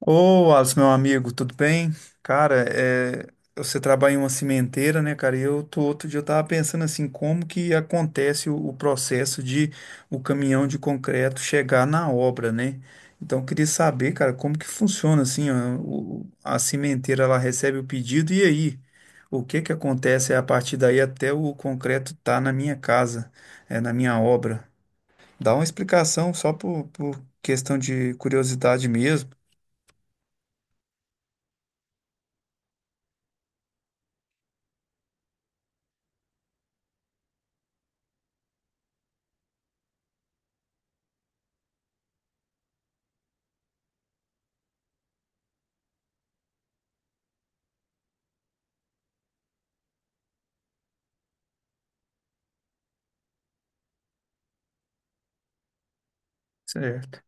Ô, Alisson, meu amigo, tudo bem? Cara, você trabalha em uma cimenteira, né, cara? E eu tô... Outro dia eu tava pensando assim, como que acontece o processo de o caminhão de concreto chegar na obra, né? Então, eu queria saber, cara, como que funciona assim, ó, a cimenteira, ela recebe o pedido e aí? O que que acontece a partir daí até o concreto tá na minha casa, na minha obra? Dá uma explicação só por questão de curiosidade mesmo, certo?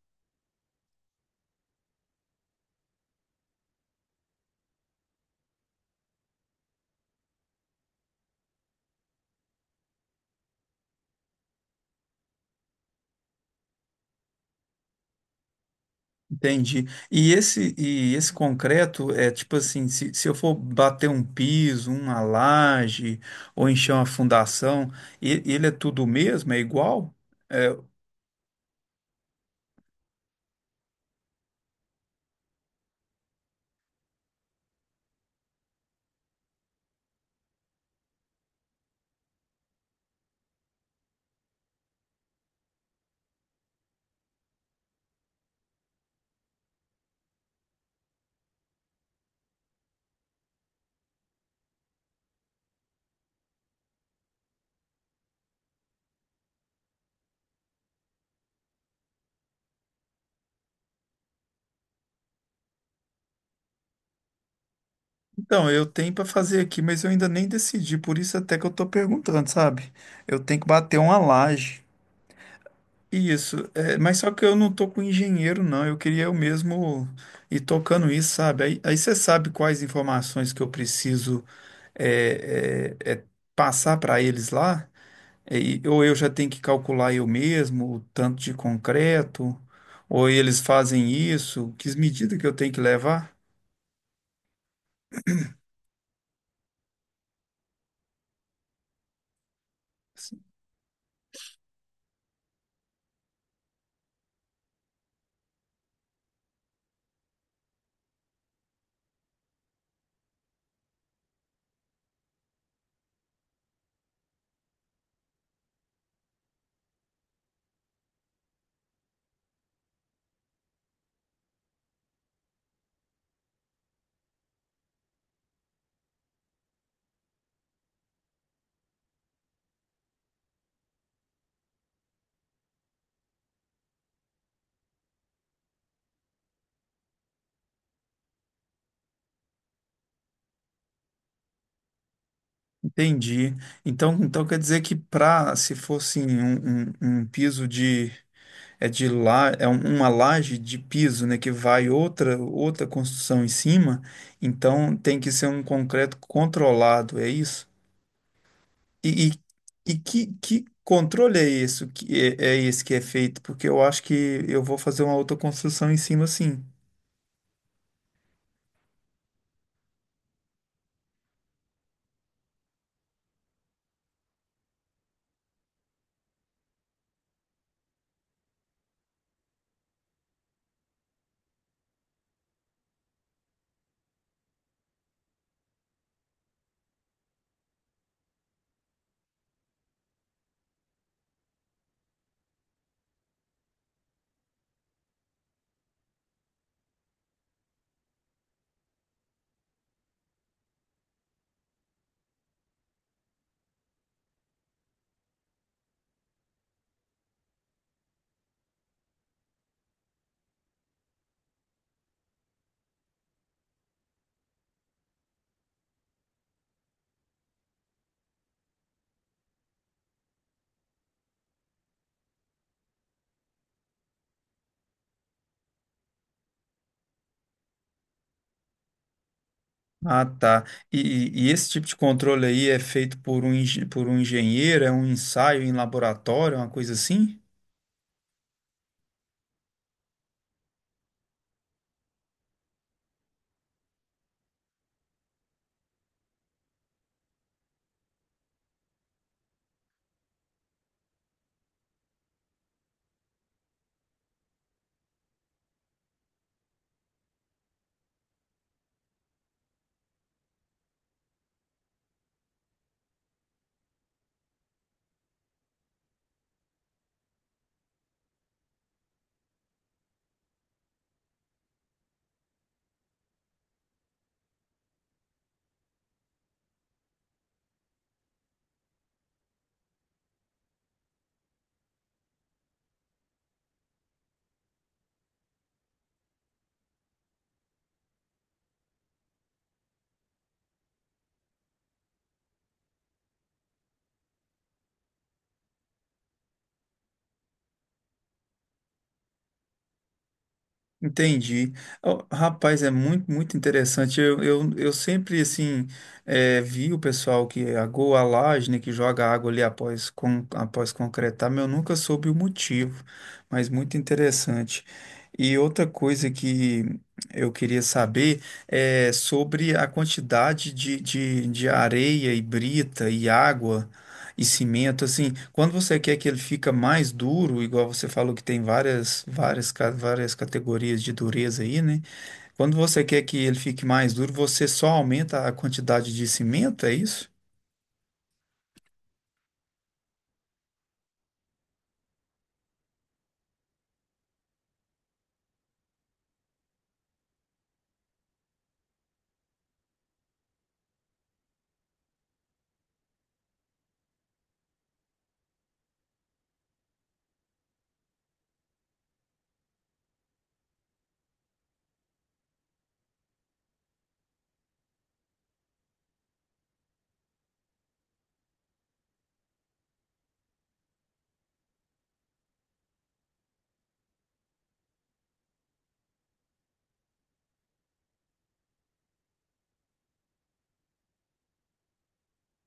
Entendi. E esse concreto é tipo assim, se eu for bater um piso, uma laje, ou encher uma fundação, ele é tudo mesmo? É igual? É, então, eu tenho para fazer aqui, mas eu ainda nem decidi, por isso até que eu tô perguntando, sabe? Eu tenho que bater uma laje. Isso, é, mas só que eu não tô com engenheiro, não. Eu queria eu mesmo ir tocando isso, sabe? Aí você sabe quais informações que eu preciso é, é, é, passar para eles lá? É, ou eu já tenho que calcular eu mesmo o tanto de concreto, ou eles fazem isso, que medidas que eu tenho que levar? Assim, entendi. Então quer dizer que para, se fosse um piso de, é, de lá, é uma laje de piso, né, que vai outra outra construção em cima, então tem que ser um concreto controlado, é isso? E, e, e que controle é isso que esse que é feito? Porque eu acho que eu vou fazer uma outra construção em cima, sim. Ah, tá. E, e esse tipo de controle aí é feito por um, por um engenheiro, é um ensaio em laboratório, uma coisa assim? Entendi. Ó, rapaz, é muito, muito interessante. Eu sempre, assim, vi o pessoal que agou a laje, né, que joga água ali após, após concretar, mas eu nunca soube o motivo, mas muito interessante. E outra coisa que eu queria saber é sobre a quantidade de areia e brita e água e cimento, assim, quando você quer que ele fica mais duro, igual você falou que tem várias, várias, várias categorias de dureza aí, né? Quando você quer que ele fique mais duro, você só aumenta a quantidade de cimento, é isso?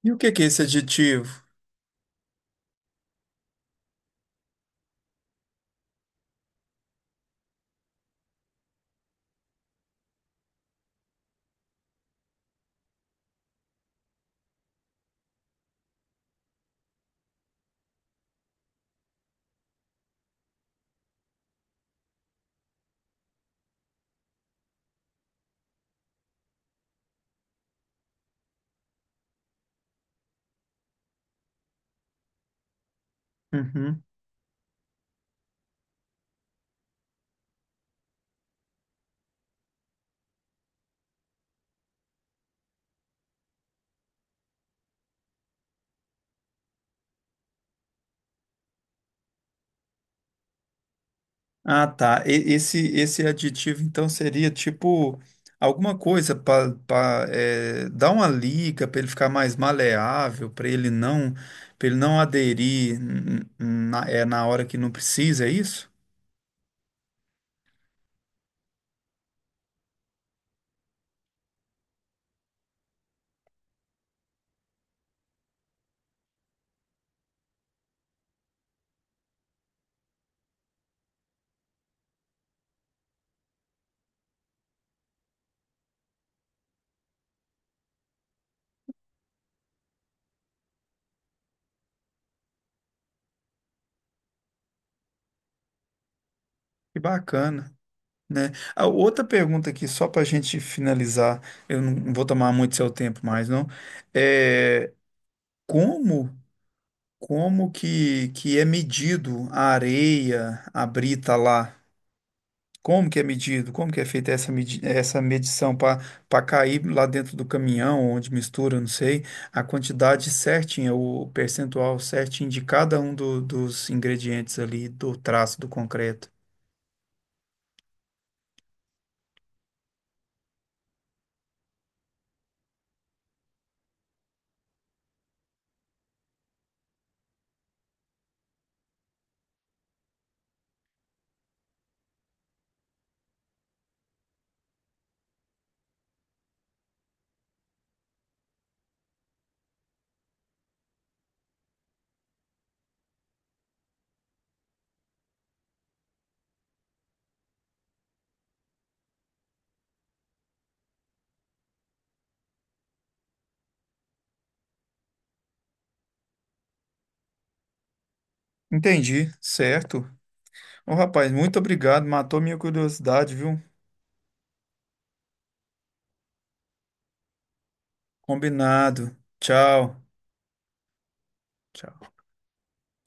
E o que que é esse aditivo? Uhum. Ah, tá. Esse aditivo, então, seria tipo alguma coisa para dar uma liga para ele ficar mais maleável, para ele não aderir na, é, na hora que não precisa, é isso? Que bacana, né? A outra pergunta aqui, só para a gente finalizar, eu não vou tomar muito seu tempo mais, não. É como, que é medido a areia, a brita lá? Como que é medido? Como que é feita essa, medi essa medição para para cair lá dentro do caminhão, onde mistura, não sei, a quantidade certinha, o percentual certinho de cada um dos ingredientes ali do traço do concreto? Entendi, certo. Ô, rapaz, muito obrigado. Matou minha curiosidade, viu? Combinado. Tchau. Tchau.